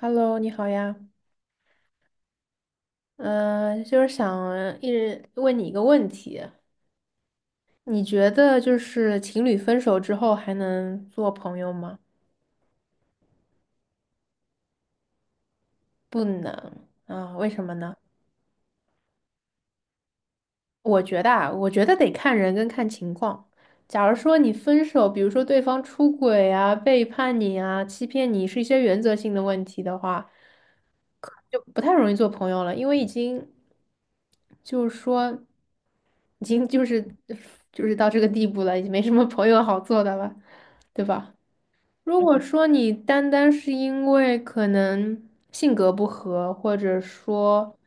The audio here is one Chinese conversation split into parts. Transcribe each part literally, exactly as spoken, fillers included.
Hello，你好呀，嗯、就是想一直问你一个问题，你觉得就是情侣分手之后还能做朋友吗？不能啊，为什么呢？我觉得啊，我觉得得看人跟看情况。假如说你分手，比如说对方出轨啊、背叛你啊、欺骗你，是一些原则性的问题的话，就不太容易做朋友了，因为已经就是说已经就是 就是到这个地步了，已经没什么朋友好做的了，对吧？如果说你单单是因为可能性格不合，或者说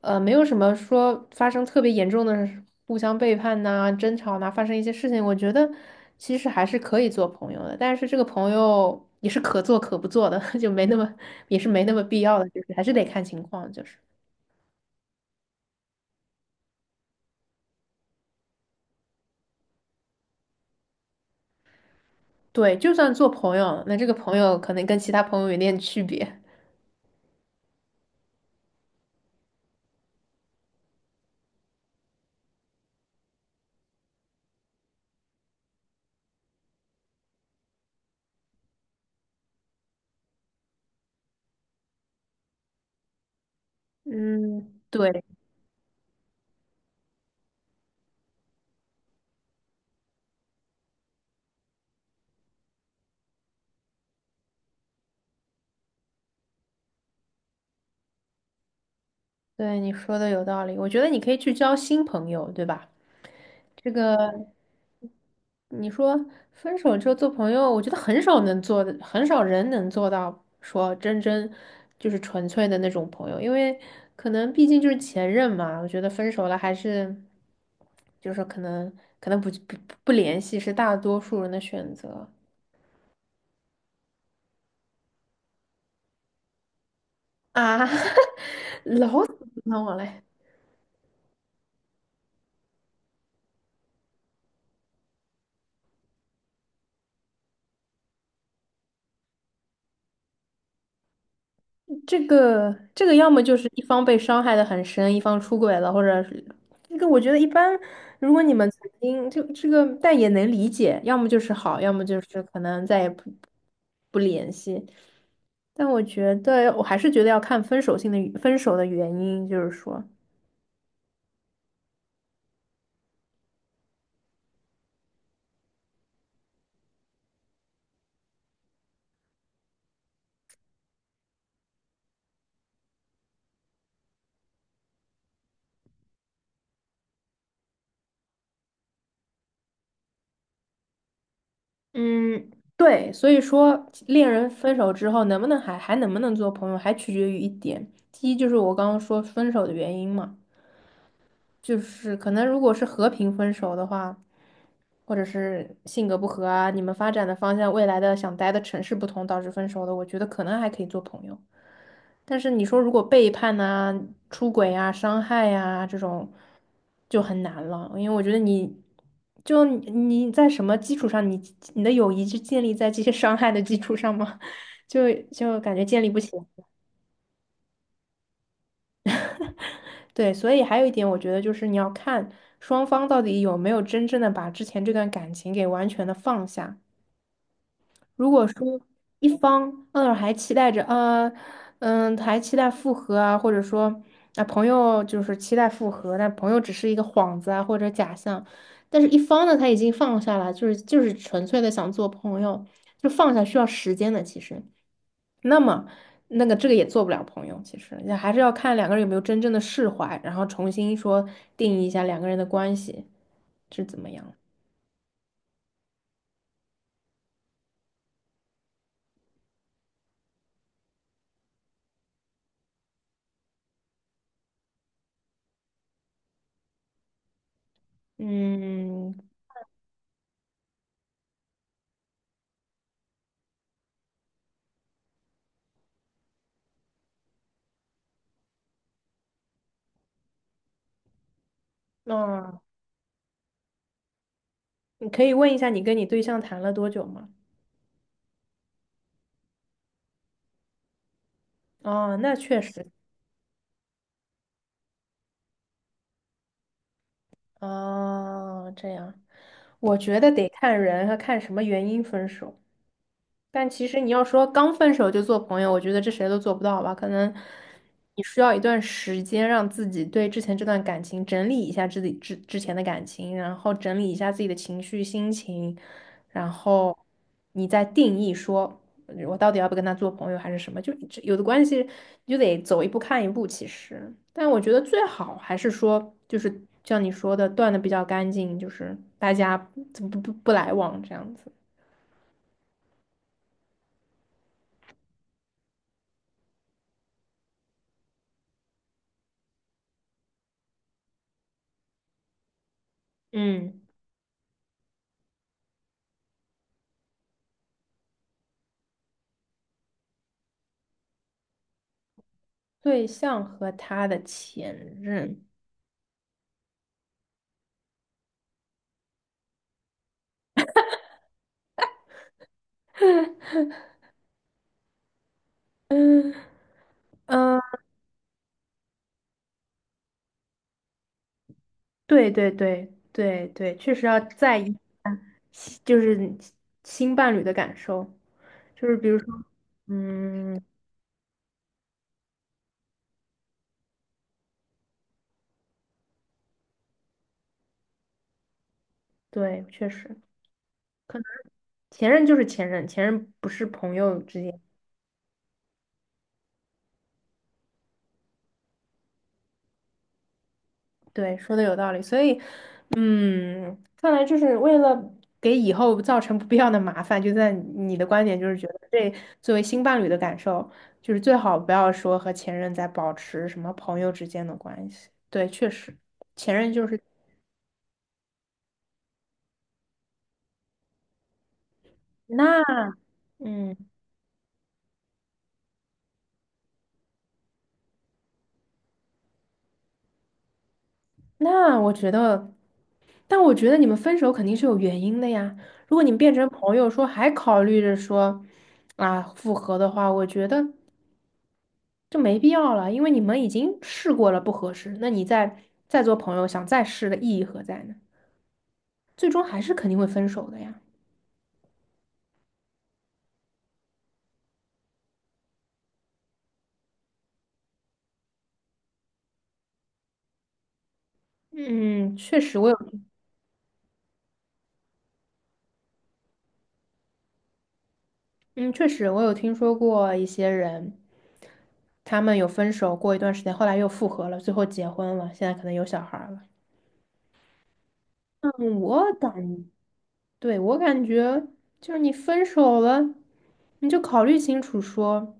呃，没有什么说发生特别严重的互相背叛呐、争吵呐、发生一些事情，我觉得其实还是可以做朋友的，但是这个朋友也是可做可不做的，就没那么也是没那么必要的，就是还是得看情况，就是对，就算做朋友，那这个朋友可能跟其他朋友有点区别。嗯，对对，你说的有道理，我觉得你可以去交新朋友，对吧？这个。你说分手之后做朋友，我觉得很少能做的，很少人能做到说真真就是纯粹的那种朋友，因为可能毕竟就是前任嘛。我觉得分手了还是就是可能可能不不不联系是大多数人的选择啊，老死不相往来。这个这个要么就是一方被伤害的很深，一方出轨了，或者是这个我觉得一般，如果你们曾经就这个，但也能理解，要么就是好，要么就是可能再也不。但我觉得我还是觉得要看分手性的分手的原因，就是说，嗯，对，所以说恋人分手之后能不能还还能不能做朋友，还取决于一点，第一就是我刚刚说分手的原因嘛，就是可能如果是和平分手的话。或者是性格不合啊，你们发展的方向、未来的想待的城市不同导致分手的，我觉得可能还可以做朋友。但是你说如果背叛啊、出轨啊、伤害呀这种，就很难了，因为我觉得你就你你在什么基础上，你你的友谊是建立在这些伤害的基础上吗？就就感觉建立不起来。对，所以还有一点，我觉得就是你要看双方到底有没有真正的把之前这段感情给完全的放下。如果说一方嗯还期待着啊，嗯还期待复合啊，或者说啊朋友就是期待复合，但朋友只是一个幌子啊或者假象，但是一方呢他已经放下了，就是就是纯粹的想做朋友，就放下需要时间的其实，那么那个这个也做不了朋友，其实也还是要看两个人有没有真正的释怀，然后重新说定义一下两个人的关系是怎么样。嗯，那、你可以问一下你跟你对象谈了多久吗？哦，那确实，哦，这样，我觉得得看人和看什么原因分手。但其实你要说刚分手就做朋友，我觉得这谁都做不到吧。可能你需要一段时间让自己对之前这段感情整理一下自己之之前的感情，然后整理一下自己的情绪、心情，然后你再定义说我到底要不跟他做朋友还是什么。就这有的关系你就得走一步看一步，其实。但我觉得最好还是说，就是像你说的，断的比较干净，就是大家不不不来往这样子。嗯。对象和他的前任，嗯嗯，呃对对对对对，确实要在意新就是你新伴侣的感受，就是比如说，嗯，对，确实，可能前任就是前任，前任不是朋友之间。对，说的有道理，所以，嗯，看来就是为了给以后造成不必要的麻烦，就在你的观点就是觉得这作为新伴侣的感受，就是最好不要说和前任在保持什么朋友之间的关系。对，确实，前任就是那，嗯，那我觉得，但我觉得你们分手肯定是有原因的呀。如果你们变成朋友说还考虑着说啊复合的话，我觉得。就没必要了，因为你们已经试过了不合适，那你再再做朋友，想再试的意义何在呢？最终还是肯定会分手的呀。嗯，确实我有，嗯，确实我有听说过一些人，他们有分手过一段时间，后来又复合了，最后结婚了，现在可能有小孩儿了。嗯，我感，对，我感觉就是你分手了，你就考虑清楚说。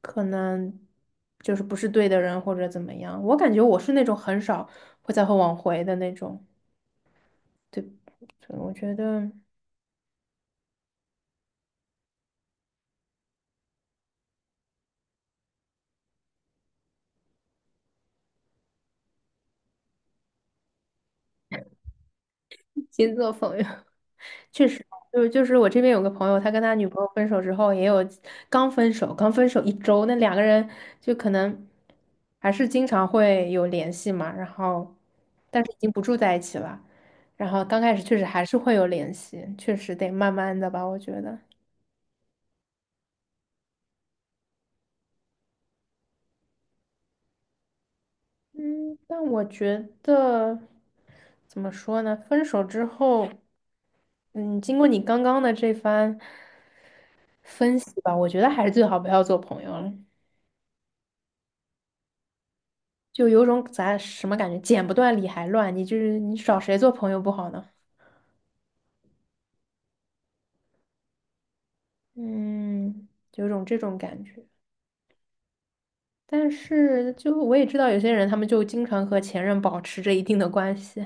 可能就是不是对的人或者怎么样。我感觉我是那种很少会再会挽回的那种，对，所以我觉得 星做朋友，确实，就是就是我这边有个朋友，他跟他女朋友分手之后，也有刚分手，刚分手一周，那两个人就可能还是经常会有联系嘛，然后但是已经不住在一起了，然后刚开始确实还是会有联系，确实得慢慢的吧，我觉得。嗯，但我觉得怎么说呢？分手之后，嗯，经过你刚刚的这番分析吧，我觉得还是最好不要做朋友了，就有种咱什么感觉，剪不断理还乱，你就是你找谁做朋友不好呢？嗯，有种这种感觉。但是就我也知道有些人，他们就经常和前任保持着一定的关系。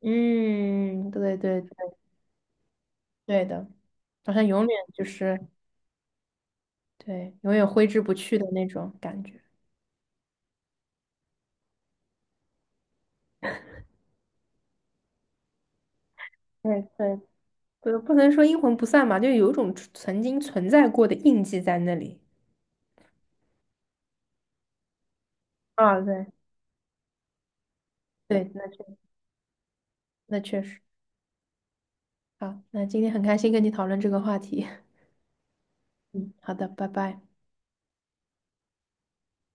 嗯，对对对，对的，好像永远就是。对，永远挥之不去的那种感觉。对对，不，不能说阴魂不散吧，就有一种存曾经存在过的印记在那里。啊对，对，那确那确实。好，那今天很开心跟你讨论这个话题。嗯，好的，拜拜。